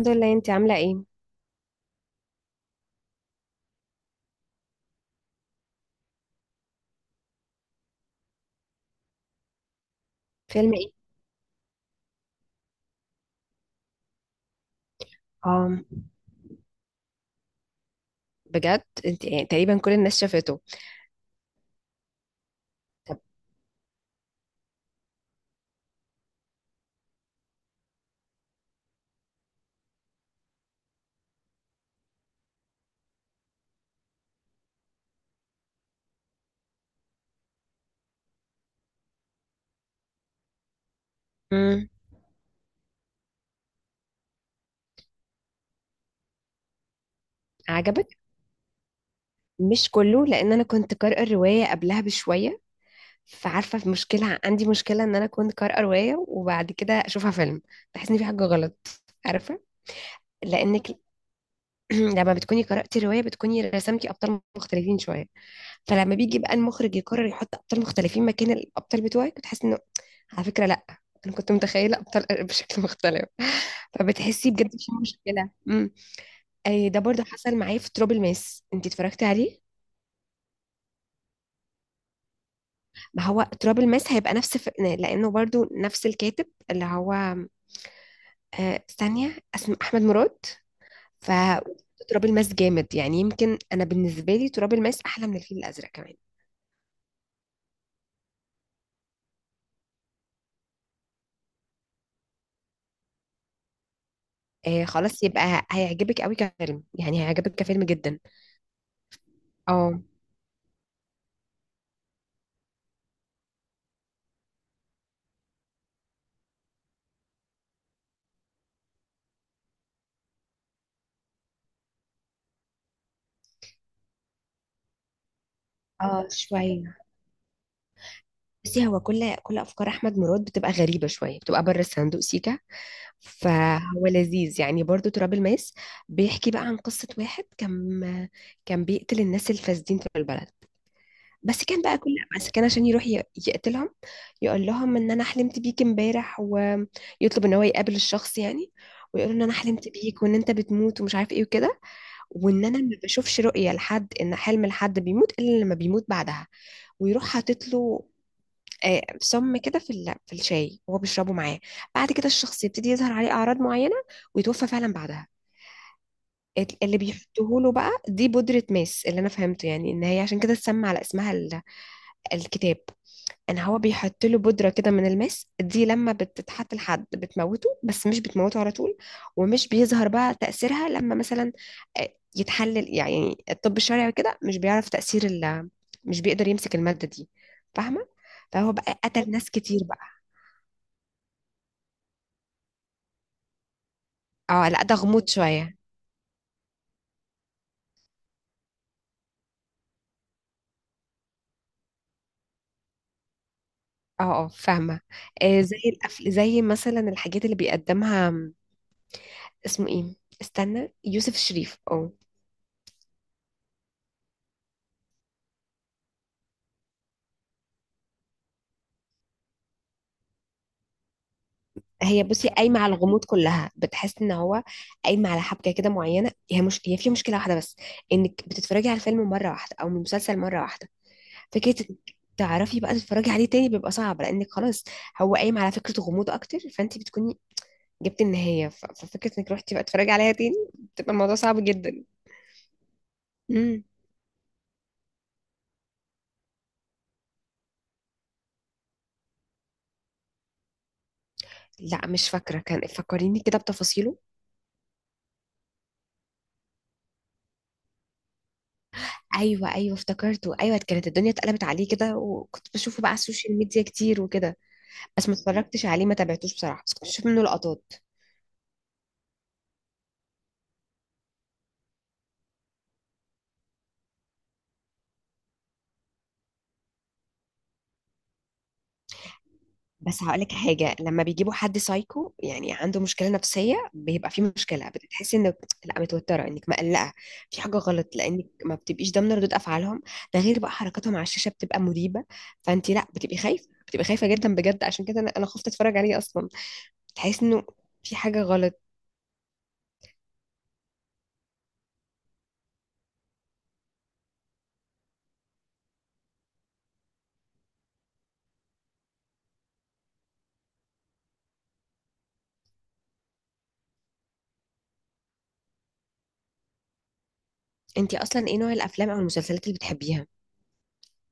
الحمد لله، انت عاملة ايه؟ فيلم ايه؟ اه. بجد؟ انت يعني تقريبا كل الناس شافته. طب. امم. عجبك؟ مش كله، لان انا كنت قارئة الرواية قبلها بشوية. فعارفة في مشكلة، عندي مشكلة ان انا كنت قارئة رواية وبعد كده اشوفها فيلم. بحس ان في حاجة غلط. عارفة؟ لانك لما بتكوني قرأتي رواية بتكوني رسمتي ابطال مختلفين شوية. فلما بيجي بقى المخرج يقرر يحط ابطال مختلفين مكان الابطال بتوعك بتحس انه، على فكره لا، انا كنت متخيله ابطال بشكل مختلف فبتحسي بجد في مشكله. امم. أي ده برضه حصل معايا في ترابل ماس، انت اتفرجتي عليه؟ ما هو ترابل ماس هيبقى نفس لانه برضه نفس الكاتب، اللي هو ثانيه، اسمه احمد مراد. ف تراب الماس جامد، يعني يمكن انا بالنسبه لي تراب الماس احلى من الفيل الازرق كمان. آه خلاص، يبقى هيعجبك قوي كفيلم، يعني هيعجبك كفيلم جدا. اه اه شوية. بصي هو كل أفكار أحمد مراد بتبقى غريبة شوية، بتبقى بره الصندوق سيكا. فهو لذيذ يعني برضو، تراب الماس بيحكي بقى عن قصة واحد كان بيقتل الناس الفاسدين في البلد. بس كان بقى كل بس كان عشان يروح يقتلهم. يقول لهم إن أنا حلمت بيك امبارح، ويطلب إن هو يقابل الشخص يعني، ويقول له ان انا حلمت بيك وان انت بتموت ومش عارف ايه وكده، وان انا ما بشوفش رؤيه لحد ان حلم لحد بيموت الا لما بيموت بعدها. ويروح حاطط له سم كده في في الشاي وهو بيشربه معاه. بعد كده الشخص يبتدي يظهر عليه اعراض معينه، ويتوفى فعلا بعدها. اللي بيحطوه له بقى دي بودره ماس، اللي انا فهمته يعني ان هي عشان كده اتسمى على اسمها الكتاب. ان هو بيحط له بودره كده من الماس دي، لما بتتحط لحد بتموته بس مش بتموته على طول. ومش بيظهر بقى تاثيرها، لما مثلا يتحلل يعني الطب الشرعي وكده، مش بيعرف تاثير مش بيقدر يمسك الماده دي. فاهمه؟ فهو بقى قتل ناس كتير بقى. اه لا، ده غموض شوية. اه اه فاهمة. آه زي الأفل زي مثلا الحاجات اللي بيقدمها، اسمه ايه، استنى، يوسف الشريف، اه. هي بصي قايمة على الغموض كلها، بتحس ان هو قايمة على حبكة كده معينة. هي مش هي فيها مشكلة واحدة بس، انك بتتفرجي على الفيلم مرة واحدة او المسلسل مرة واحدة. فكرة إنك تعرفي بقى تتفرجي عليه تاني بيبقى صعب، لانك خلاص هو قايم على فكرة غموض اكتر، فانت بتكوني جبت النهاية. ففكرة انك روحتي بقى تتفرجي عليها تاني بتبقى الموضوع صعب جدا. مم. لا مش فاكرة، كان فكريني كده بتفاصيله. ايوه ايوه افتكرته، ايوه كانت الدنيا اتقلبت عليه كده، وكنت بشوفه بقى على السوشيال ميديا كتير وكده. بس ما اتفرجتش عليه، ما تابعتوش بصراحة، بس كنت بشوف منه لقطات. بس هقولك حاجة، لما بيجيبوا حد سايكو، يعني عنده مشكلة نفسية، بيبقى فيه مشكلة، بتحسي انك لا متوترة، انك مقلقة، في حاجة غلط، لانك ما بتبقيش ضامنة ردود افعالهم. ده غير بقى حركاتهم على الشاشة بتبقى مريبة. فانت لا بتبقي خايفة، بتبقي خايفة جدا بجد، عشان كده انا خفت اتفرج عليه اصلا. تحس انه في حاجة غلط. انتي اصلا ايه نوع الافلام او المسلسلات اللي بتحبيها؟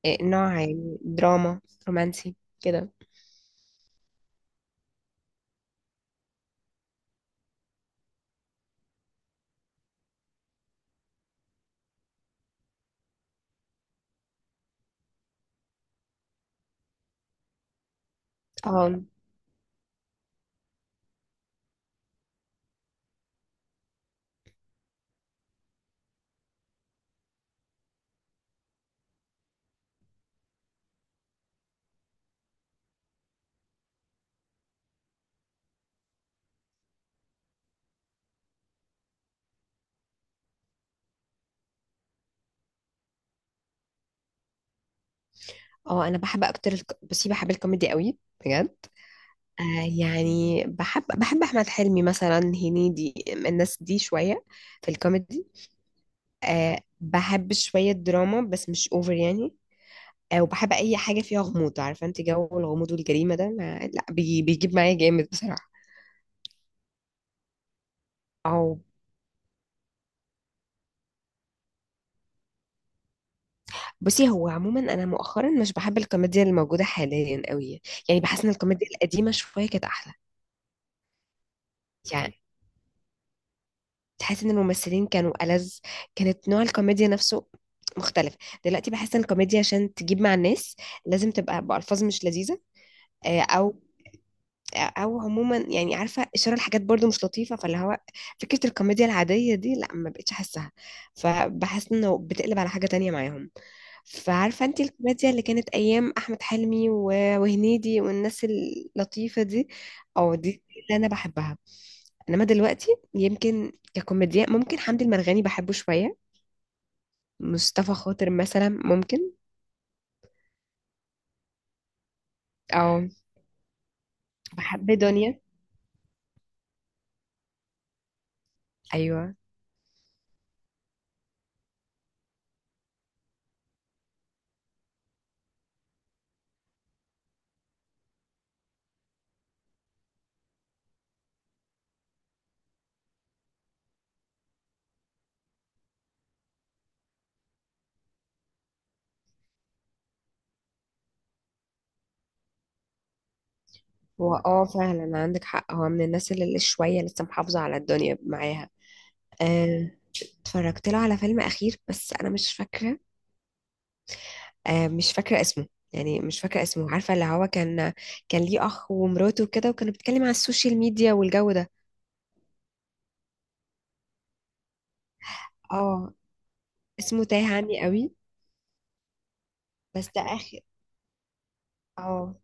إيه نوع؟ يعني دراما، رومانسي، كده. اه اه انا بحب اكتر بصي بحب الكوميدي قوي بجد. آه يعني بحب احمد حلمي مثلا، هنيدي، الناس دي شويه في الكوميدي. آه بحب شويه دراما بس مش اوفر يعني. آه وبحب اي حاجه فيها غموض، عارفه انت، جو الغموض والجريمه ده ما... لا بي... بيجيب معايا جامد بصراحه. او بصي هو عموما انا مؤخرا مش بحب الكوميديا اللي موجوده حاليا قوي. يعني بحس ان الكوميديا القديمه شويه كانت احلى. يعني تحس ان الممثلين كانوا ألذ، كانت نوع الكوميديا نفسه مختلف. دلوقتي بحس ان الكوميديا عشان تجيب مع الناس لازم تبقى بألفاظ مش لذيذه، آه، او او عموما يعني، عارفه اشاره لحاجات برضو مش لطيفه. فاللي هو فكره الكوميديا العاديه دي لا، ما بقتش احسها. فبحس انه بتقلب على حاجه تانية معاهم. فعارفة انت الكوميديا اللي كانت ايام احمد حلمي وهنيدي والناس اللطيفة دي، او دي اللي انا بحبها. انما دلوقتي يمكن ككوميديا، ممكن حمدي المرغني بحبه شوية، مصطفى خاطر مثلا ممكن، او بحب دنيا. ايوه هو اه فعلا عندك حق، هو من الناس اللي شوية لسه محافظة على الدنيا معاها. آه، اتفرجت له على فيلم اخير بس انا مش فاكرة، مش فاكرة اسمه، يعني مش فاكرة اسمه، عارفة اللي هو كان ليه أخ ومراته وكده وكانوا بيتكلم على السوشيال ميديا والجو ده. اه اسمه تاه عني قوي. بس ده آخر. اه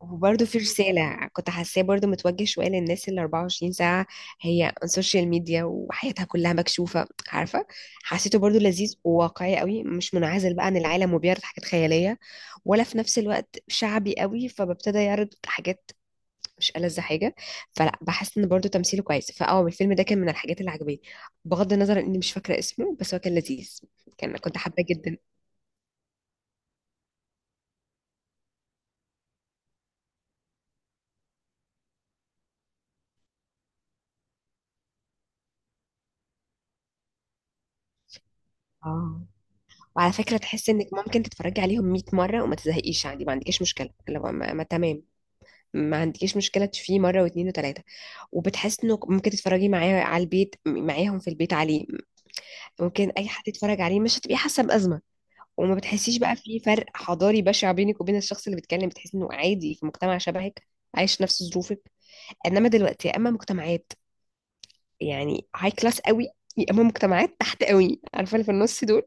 وبرده في رسالة كنت حاساه برده متوجه شوية للناس اللي 24 ساعة هي على السوشيال ميديا وحياتها كلها مكشوفة، عارفة. حسيته برده لذيذ وواقعي قوي، مش منعزل بقى عن العالم وبيعرض حاجات خيالية، ولا في نفس الوقت شعبي قوي فببتدى يعرض حاجات مش ألذ حاجة. فلا بحس ان برضو تمثيله كويس، فاه الفيلم ده كان من الحاجات اللي عجباني، بغض النظر اني مش فاكرة اسمه، بس هو كان لذيذ. كنت حابة جدا. اه وعلى فكرة تحس انك ممكن تتفرجي عليهم 100 مرة وما تزهقيش عادي، ما عندكيش مشكلة لو ما تمام. ما عندكيش مشكلة تشوفيه مرة واثنين وثلاثة. وبتحس انه ممكن تتفرجي معاه على البيت، معاهم في البيت عليه، ممكن اي حد يتفرج عليه، مش هتبقي حاسة بأزمة. وما بتحسيش بقى في فرق حضاري بشع بينك وبين الشخص اللي بيتكلم، بتحس انه عادي في مجتمع شبهك، عايش نفس ظروفك. انما دلوقتي يا اما مجتمعات يعني هاي كلاس قوي، يا اما مجتمعات تحت قوي، عارفه اللي في النص دول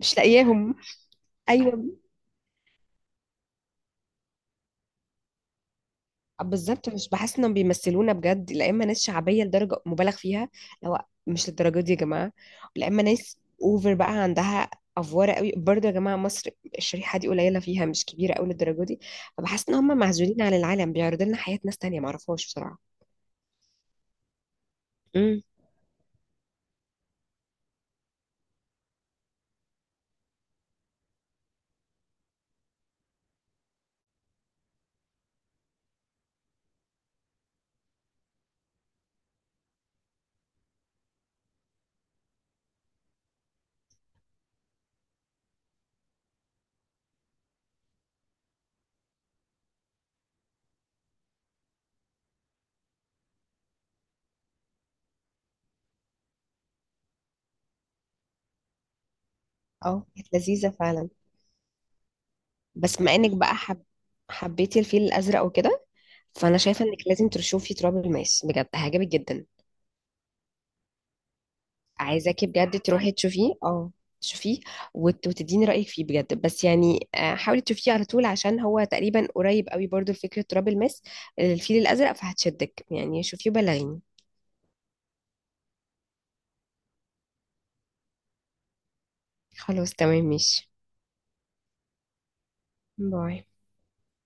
مش لاقياهم. ايوه بالظبط، مش بحس انهم بيمثلونا بجد، لا اما ناس شعبيه لدرجه مبالغ فيها، لو مش للدرجه دي يا جماعه، لا اما ناس اوفر بقى عندها افواره قوي، برضه يا جماعه مصر الشريحه دي قليله فيها، مش كبيره قوي للدرجه دي. فبحس ان هم معزولين عن العالم، بيعرضوا لنا حياه ناس تانية معرفهاش بصراحه. امم. اه كانت لذيذه فعلا. بس بما انك بقى حبيتي الفيل الازرق وكده، فانا شايفه انك لازم تشوفي تراب الماس، بجد هيعجبك جدا. عايزاكي بجد تروحي تشوفيه، اه تشوفيه وتديني رايك فيه بجد، بس يعني حاولي تشوفيه على طول عشان هو تقريبا قريب قوي برضو لفكره تراب الماس الفيل الازرق، فهتشدك يعني، شوفيه وبلغيني. خلاص تمام ماشي. باي.